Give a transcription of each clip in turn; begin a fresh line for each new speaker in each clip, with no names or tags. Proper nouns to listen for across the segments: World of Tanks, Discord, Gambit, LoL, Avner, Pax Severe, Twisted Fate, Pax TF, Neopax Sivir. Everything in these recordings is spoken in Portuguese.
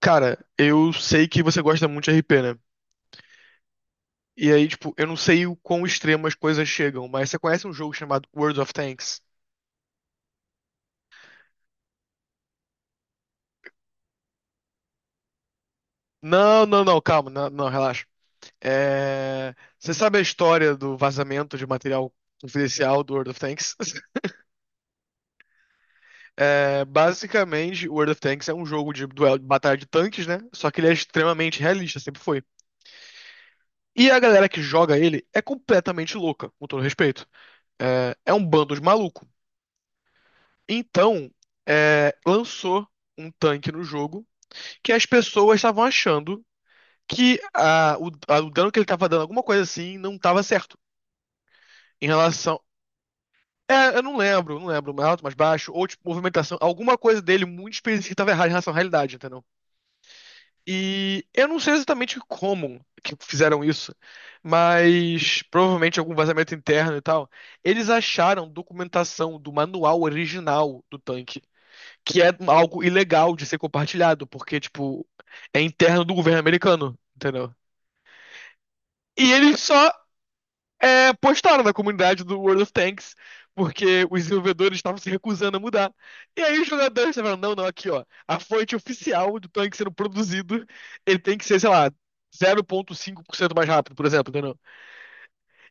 Cara, eu sei que você gosta muito de RP, né? E aí, tipo, eu não sei o quão extremo as coisas chegam, mas você conhece um jogo chamado World of Tanks? Não, não, não, calma, não, não, relaxa. Você sabe a história do vazamento de material confidencial do World of Tanks? Basicamente, o World of Tanks é um jogo de duelo, de batalha de tanques, né? Só que ele é extremamente realista, sempre foi. E a galera que joga ele é completamente louca, com todo respeito. É um bando de maluco. Então, lançou um tanque no jogo que as pessoas estavam achando que o dano que ele estava dando, alguma coisa assim, não estava certo. Em relação. Eu não lembro, não lembro, mais alto, mais baixo, ou tipo, movimentação, alguma coisa dele muito específica estava errada em relação à realidade, entendeu? E eu não sei exatamente como que fizeram isso, mas provavelmente algum vazamento interno e tal. Eles acharam documentação do manual original do tanque, que é algo ilegal de ser compartilhado, porque, tipo, é interno do governo americano, entendeu? E eles só postaram na comunidade do World of Tanks, porque os desenvolvedores estavam se recusando a mudar. E aí os jogadores falaram, não, não, aqui, ó, a fonte oficial do tanque sendo produzido, ele tem que ser, sei lá, 0,5% mais rápido, por exemplo, entendeu?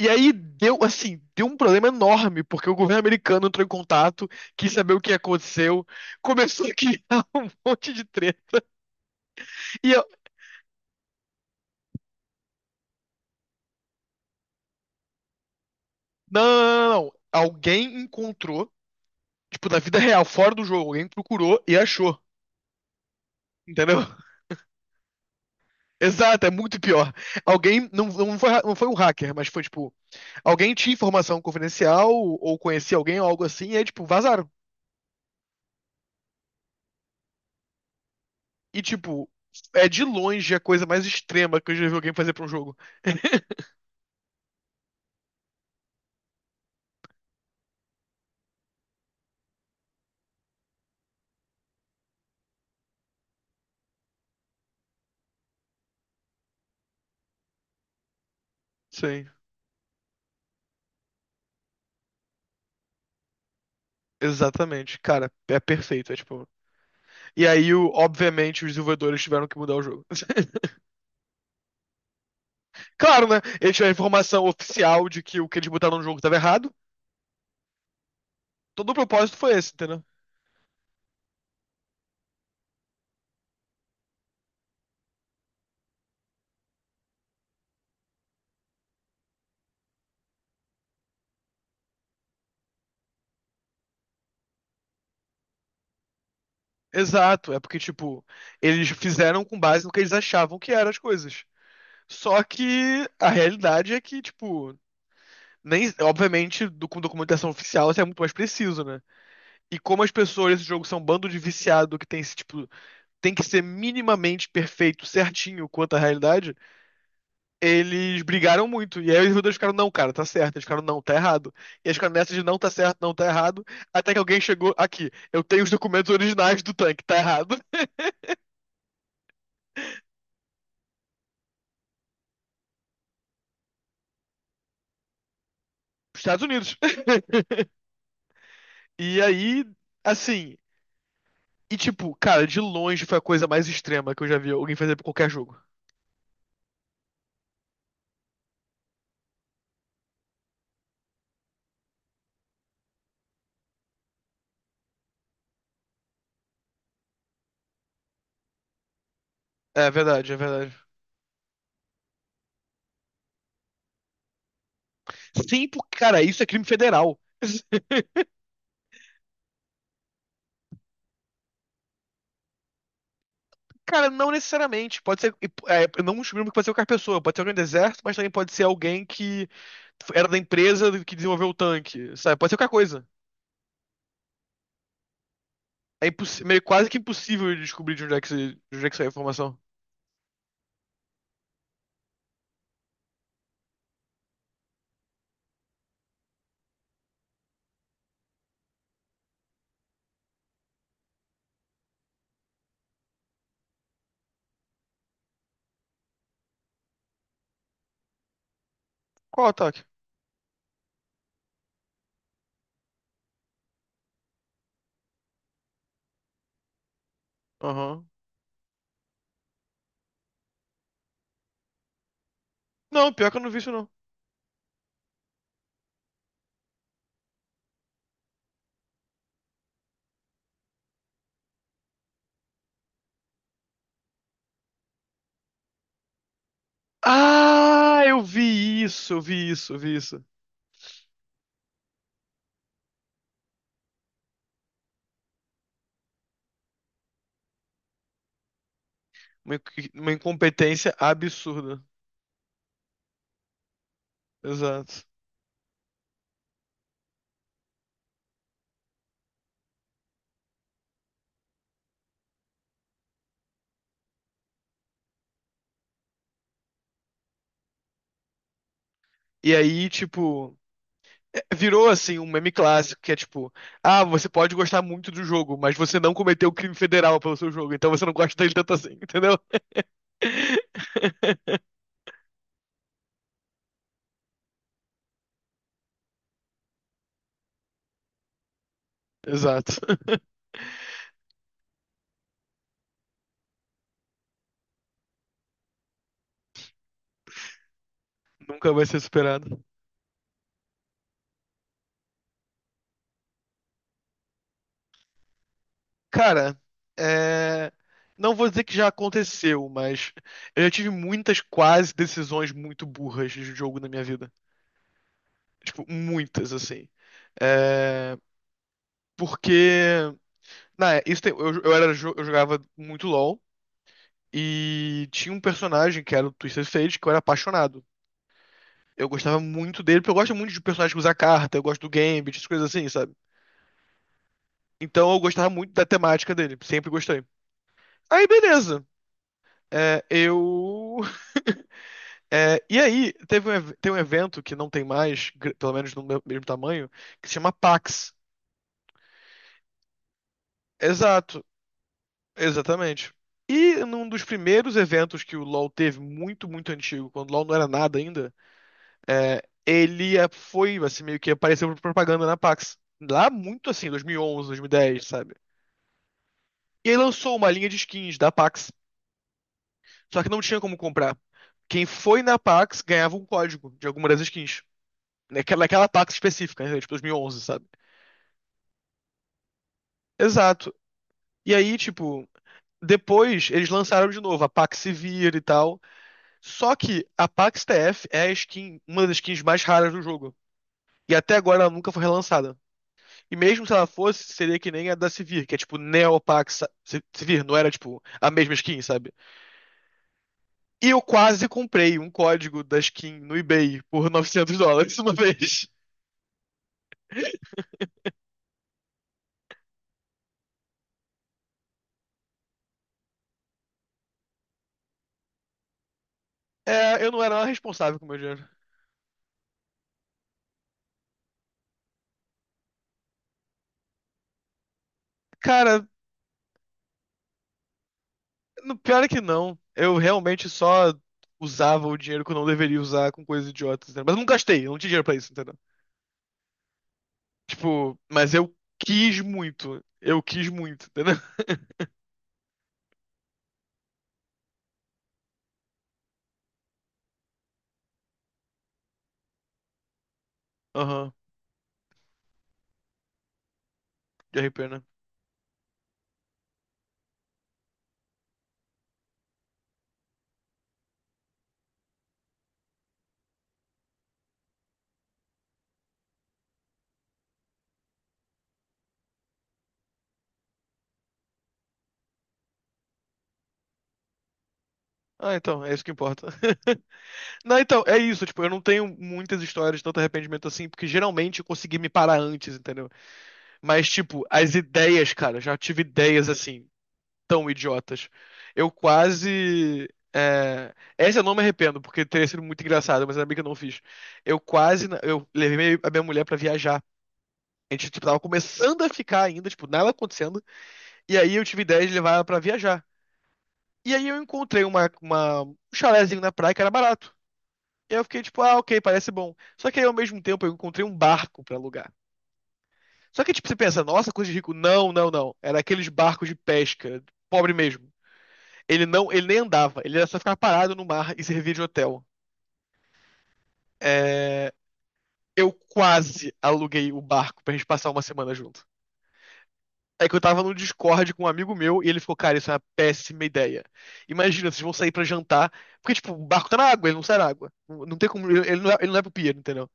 E aí deu, assim, deu um problema enorme, porque o governo americano entrou em contato, quis saber o que aconteceu, começou a criar um monte de treta. E Não, não, não, não. Alguém encontrou, tipo, na vida real, fora do jogo, alguém procurou e achou. Entendeu? Exato, é muito pior. Alguém, não, não foi, não foi um hacker, mas foi tipo, alguém tinha informação confidencial ou conhecia alguém ou algo assim, e aí, tipo, vazaram. E, tipo, é de longe a coisa mais extrema que eu já vi alguém fazer pra um jogo. Sim, exatamente. Cara, é perfeito. É tipo. E aí, obviamente, os desenvolvedores tiveram que mudar o jogo. Claro, né? Eles tiveram a informação oficial de que o que eles botaram no jogo estava errado. Todo o propósito foi esse, entendeu? Exato. É porque, tipo, eles fizeram com base no que eles achavam que eram as coisas. Só que a realidade é que, tipo, nem, obviamente, do, com documentação oficial isso é muito mais preciso, né? E como as pessoas nesse jogo são um bando de viciado que tem esse, tipo, tem que ser minimamente perfeito, certinho quanto à realidade, eles brigaram muito. E aí os dois ficaram, não, cara, tá certo. Eles ficaram, não, tá errado. E eles ficaram nessa de não tá certo, não tá errado. Até que alguém chegou aqui. Eu tenho os documentos originais do tanque, tá errado. Estados Unidos. E aí, assim. E tipo, cara, de longe foi a coisa mais extrema que eu já vi alguém fazer pra qualquer jogo. É verdade, é verdade. Sim, porque, cara, isso é crime federal. Cara, não necessariamente. Pode ser. É, não um crime que pode ser qualquer pessoa. Pode ser alguém do exército, mas também pode ser alguém que era da empresa que desenvolveu o tanque, sabe? Pode ser qualquer coisa. Meio quase que impossível de descobrir de onde é que, de onde é que saiu a informação. Qual o ataque? Aham. Não, pior que eu não vi isso, não. Ah, eu vi isso, eu vi isso, eu vi isso. Uma incompetência absurda. Exato. E aí, tipo. Virou assim um meme clássico que é tipo, ah, você pode gostar muito do jogo, mas você não cometeu crime federal pelo seu jogo, então você não gosta dele tanto assim, entendeu? Exato. Nunca vai ser superado. Cara, é... não vou dizer que já aconteceu, mas eu já tive muitas quase decisões muito burras de jogo na minha vida. Tipo, muitas assim. É... Porque eu jogava muito LoL. E tinha um personagem que era o Twisted Fate, que eu era apaixonado. Eu gostava muito dele, porque eu gosto muito de personagens que usa carta, eu gosto do Gambit, essas coisas assim, sabe? Então eu gostava muito da temática dele, sempre gostei. Aí, beleza. É, eu. E aí, tem um evento que não tem mais, pelo menos no meu- mesmo tamanho, que se chama PAX. Exato, exatamente. E num dos primeiros eventos que o LoL teve, muito, muito antigo, quando o LoL não era nada ainda, ele foi, assim, meio que apareceu por propaganda na Pax. Lá muito assim, 2011, 2010, sabe? E aí lançou uma linha de skins da Pax, só que não tinha como comprar. Quem foi na Pax ganhava um código de alguma das skins. Naquela Pax específica, né? Tipo 2011, sabe? Exato. E aí, tipo, depois eles lançaram de novo a Pax Severe e tal. Só que a Pax TF é a skin, uma das skins mais raras do jogo. E até agora ela nunca foi relançada. E mesmo se ela fosse, seria que nem a da Sivir, que é tipo Neopax Sivir, não era tipo a mesma skin, sabe? E eu quase comprei um código da skin no eBay por 900 dólares uma vez. É, eu não era nada responsável com o meu dinheiro. Cara, no, pior é que não. Eu realmente só usava o dinheiro que eu não deveria usar com coisas idiotas, entendeu? Mas eu não gastei, eu não tinha dinheiro pra isso, entendeu? Tipo, mas eu quis muito. Eu quis muito, entendeu? Aham, de RP, né? Ah, então, é isso que importa. Não, então, é isso, tipo, eu não tenho muitas histórias de tanto arrependimento assim, porque geralmente eu consegui me parar antes, entendeu? Mas, tipo, as ideias, cara, já tive ideias assim, tão idiotas. Eu quase. Essa eu não me arrependo, porque teria sido muito engraçado, mas ainda bem que eu não fiz. Eu quase. Eu levei a minha mulher pra viajar. A gente, tipo, tava começando a ficar ainda, tipo, nada acontecendo, e aí eu tive ideia de levar ela pra viajar. E aí eu encontrei uma, um chalézinho na praia que era barato. E aí eu fiquei tipo, ah, ok, parece bom. Só que aí, ao mesmo tempo, eu encontrei um barco pra alugar. Só que, tipo, você pensa, nossa, coisa de rico. Não, não, não. Era aqueles barcos de pesca, pobre mesmo. Ele não, ele nem andava, ele era só ficar parado no mar e servir de hotel. É, Eu quase aluguei o barco pra gente passar uma semana junto. É que eu tava no Discord com um amigo meu e ele ficou, cara, isso é uma péssima ideia. Imagina, vocês vão sair pra jantar, porque, tipo, o barco tá na água, ele não sai na água. Não tem como, ele não é pro pier, entendeu?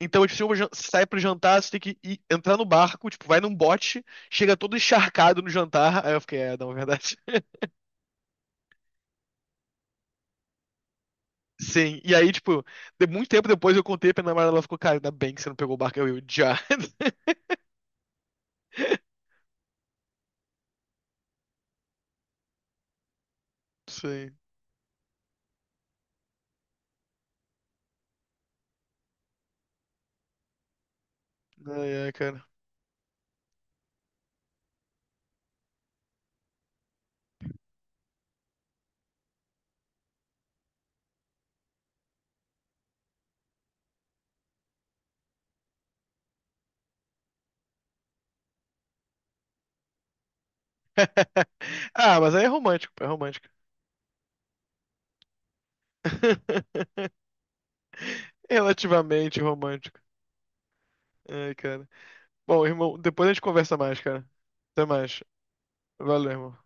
Então, tipo, você sai pro jantar, você tem que entrar no barco, tipo, vai num bote, chega todo encharcado no jantar. Aí eu fiquei, não, é verdade. Sim, e aí, tipo, de muito tempo depois eu contei pra minha namorada, ela ficou, cara, ainda bem que você não pegou o barco, eu já. Sim, ai, ai, cara. Ah, mas aí é romântico, pô, é romântico. Relativamente romântico. Ai, cara. Bom, irmão, depois a gente conversa mais, cara. Até mais. Valeu, irmão.